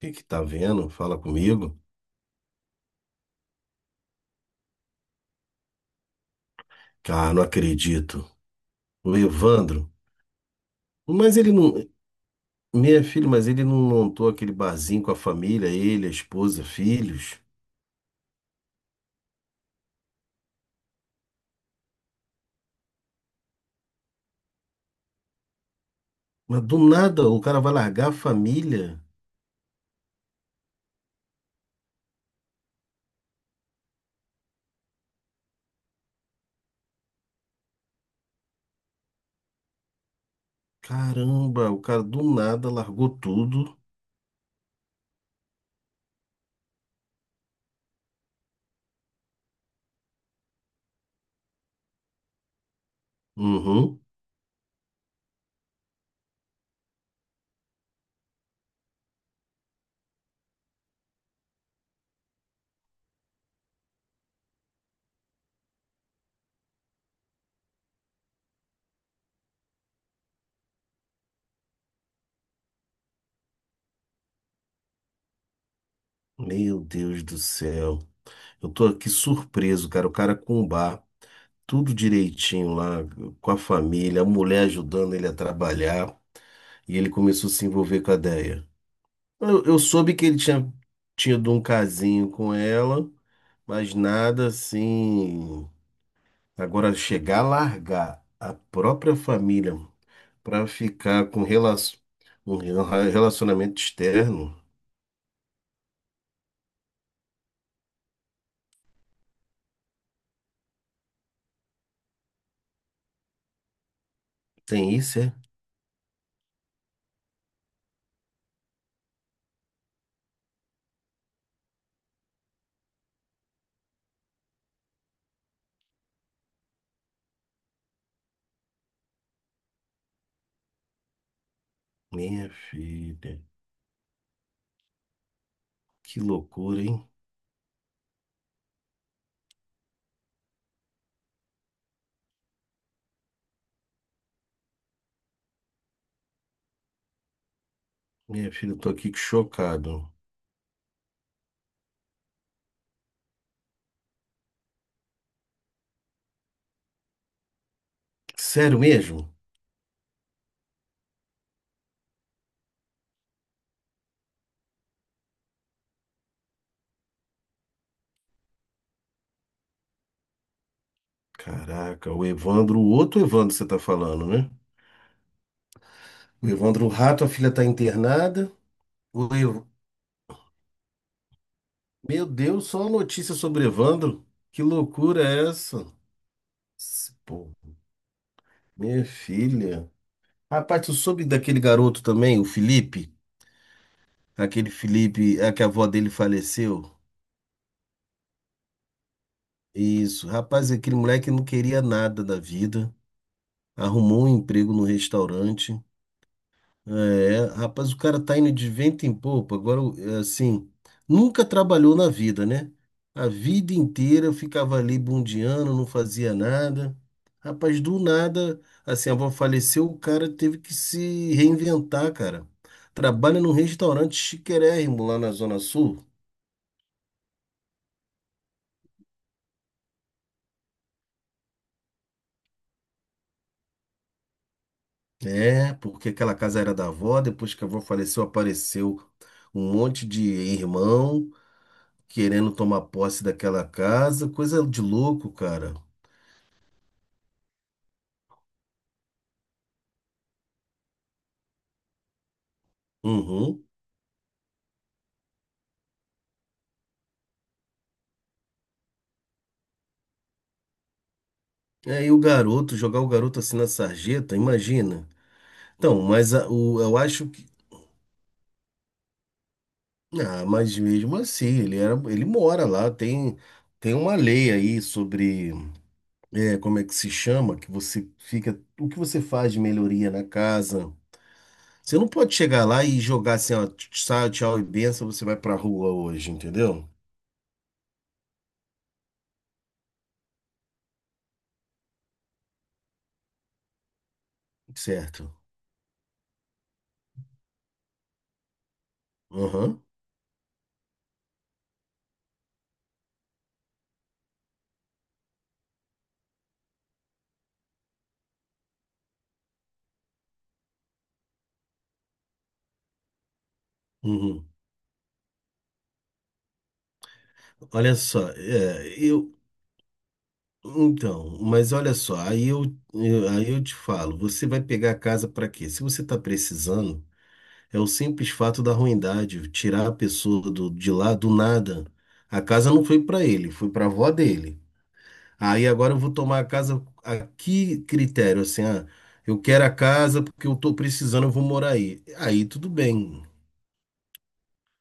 Que tá vendo? Fala comigo. Cara, não acredito. O Evandro. Mas ele não. Minha filha, mas ele não montou aquele barzinho com a família, ele, a esposa, filhos. Mas do nada o cara vai largar a família. Caramba, o cara do nada largou tudo. Uhum. Meu Deus do céu. Eu tô aqui surpreso, cara. O cara com o bar, tudo direitinho lá, com a família, a mulher ajudando ele a trabalhar. E ele começou a se envolver com a ideia. Eu soube que ele tinha tido um casinho com ela, mas nada assim. Agora, chegar a largar a própria família para ficar com um relacionamento externo, tem isso, é? Minha filha, que loucura, hein? Minha filha, eu tô aqui chocado. Sério mesmo? Caraca, o Evandro, o outro Evandro você tá falando, né? O Evandro Rato, a filha tá internada. O, E- Meu Deus, só notícia sobre Evandro? Que loucura é essa? Pô, minha filha. Rapaz, tu soube daquele garoto também, o Felipe? Aquele Felipe, é que a avó dele faleceu? Isso. Rapaz, aquele moleque não queria nada da vida. Arrumou um emprego no restaurante. É, rapaz, o cara tá indo de vento em popa. Agora, é assim, nunca trabalhou na vida, né? A vida inteira eu ficava ali bundiando, não fazia nada. Rapaz, do nada, assim, a avó faleceu, o cara teve que se reinventar, cara. Trabalha num restaurante chiquérrimo lá na Zona Sul. É, porque aquela casa era da avó, depois que a avó faleceu, apareceu um monte de irmão querendo tomar posse daquela casa, coisa de louco, cara. Uhum. Aí o garoto, jogar o garoto assim na sarjeta, imagina. Então, eu acho que. Ah, mas mesmo assim, ele mora lá, tem uma lei aí sobre é, como é que se chama, que você fica. O que você faz de melhoria na casa? Você não pode chegar lá e jogar assim, ó, tchau, tchau e benção, você vai pra rua hoje, entendeu? Certo. Aham. Uhum. Olha só, é, eu, então, mas olha só, aí eu te falo, você vai pegar a casa para quê? Se você está precisando, é o simples fato da ruindade, tirar a pessoa de lá do nada. A casa não foi para ele, foi para a avó dele. Aí agora eu vou tomar a casa a que critério? Assim, ah, eu quero a casa porque eu estou precisando, eu vou morar aí. Aí tudo bem.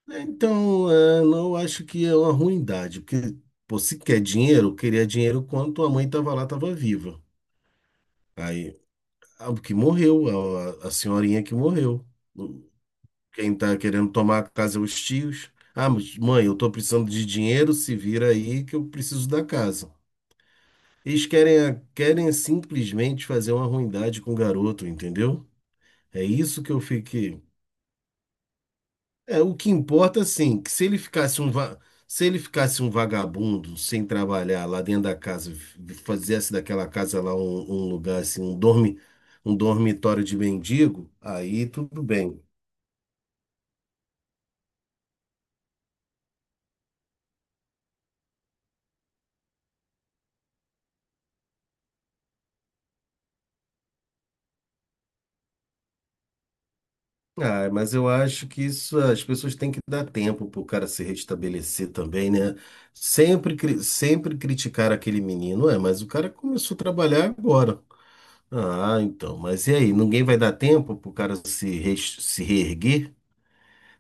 Então, é, não acho que é uma ruindade, porque pô, se quer dinheiro, eu queria dinheiro quando tua mãe estava lá, estava viva. Aí, ah, o que morreu, a senhorinha que morreu. Quem tá querendo tomar a casa é os tios. Ah, mas mãe, eu tô precisando de dinheiro, se vira aí que eu preciso da casa. Eles querem simplesmente fazer uma ruindade com o garoto, entendeu? É isso que eu fiquei. É, o que importa, assim, que se ele ficasse um, va- se ele ficasse um vagabundo sem trabalhar lá dentro da casa, fizesse daquela casa lá um lugar assim, um dormitório de mendigo, aí tudo bem. Ah, mas eu acho que isso as pessoas têm que dar tempo para o cara se restabelecer também, né? Sempre criticar aquele menino, é, mas o cara começou a trabalhar agora. Ah, então, mas e aí? Ninguém vai dar tempo para o cara se reerguer?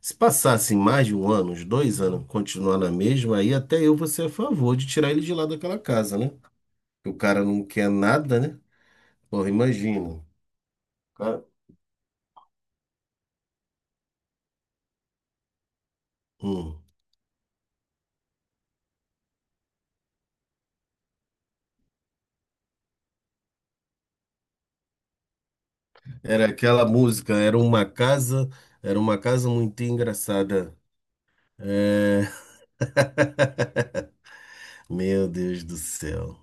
Se passasse mais de um ano, uns dois anos, continuar na mesma, aí até eu vou ser a favor de tirar ele de lá daquela casa, né? O cara não quer nada, né? Porra, imagina. Cara, hum. Era aquela música, era uma casa muito engraçada. É, meu Deus do céu.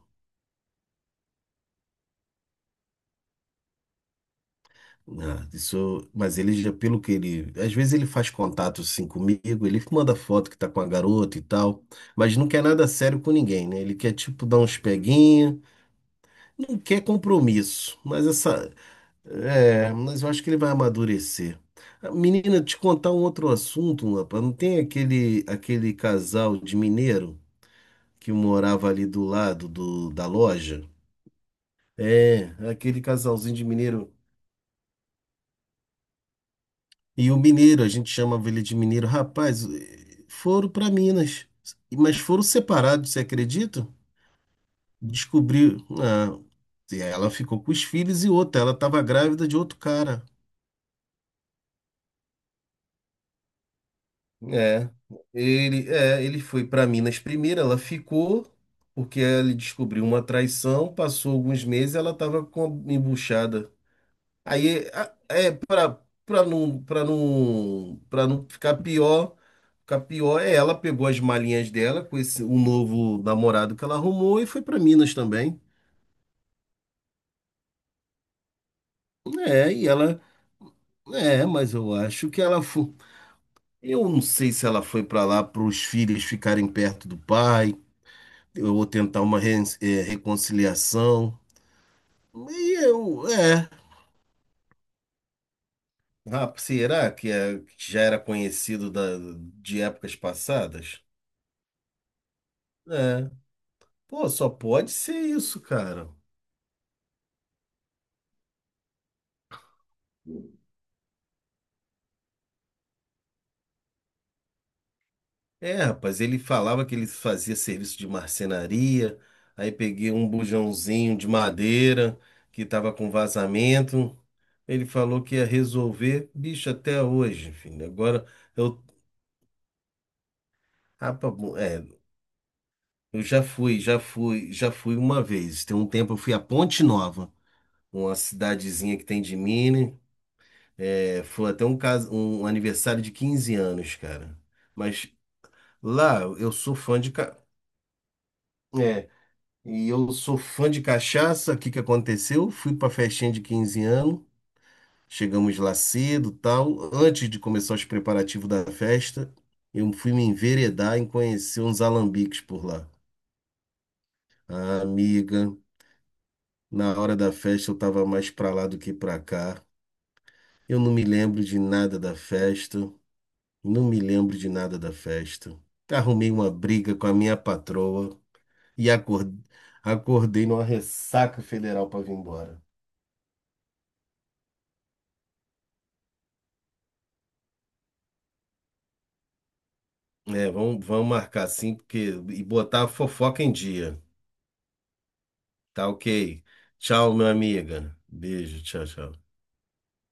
Ah, isso, mas ele já, pelo que ele, às vezes ele faz contato assim comigo, ele manda foto que tá com a garota e tal, mas não quer nada sério com ninguém, né? Ele quer tipo dar uns peguinhos, não quer compromisso, mas essa, é, mas eu acho que ele vai amadurecer. Ah, menina, te contar um outro assunto, rapaz, não tem aquele casal de mineiro que morava ali do lado do, da loja. É, aquele casalzinho de mineiro. E o mineiro, a gente chamava ele de mineiro. Rapaz, foram para Minas, mas foram separados, você acredita? Descobriu. Ah, e ela ficou com os filhos e outra. Ela estava grávida de outro cara. É, é, ele foi para Minas primeiro, ela ficou, porque ele descobriu uma traição, passou alguns meses, ela estava com a embuchada. Aí a- é para não ficar pior, ficar pior é ela pegou as malinhas dela com esse o novo namorado que ela arrumou e foi para Minas também. É, e ela é, mas eu acho que ela foi. Eu não sei se ela foi para lá para os filhos ficarem perto do pai ou tentar uma reconciliação. E eu, é. Ah, será que, é, que já era conhecido da, de épocas passadas? É. Pô, só pode ser isso, cara. É, rapaz, ele falava que ele fazia serviço de marcenaria, aí peguei um bujãozinho de madeira que tava com vazamento. Ele falou que ia resolver, bicho, até hoje, filho. Agora eu, rapaz, bom, é, eu já fui uma vez. Tem um tempo eu fui a Ponte Nova, uma cidadezinha que tem de Minas. É, foi até um caso, um aniversário de 15 anos, cara. Mas lá eu sou fã de. É, e eu sou fã de cachaça. O que que aconteceu? Fui pra festinha de 15 anos, chegamos lá cedo, tal. Antes de começar os preparativos da festa, eu fui me enveredar em conhecer uns alambiques por lá. Ah, amiga, na hora da festa eu tava mais pra lá do que pra cá. Eu não me lembro de nada da festa, não me lembro de nada da festa. Arrumei uma briga com a minha patroa e acordei numa ressaca federal pra vir embora. É, vamos marcar sim, porque e botar a fofoca em dia. Tá ok. Tchau, minha amiga. Beijo, tchau, tchau.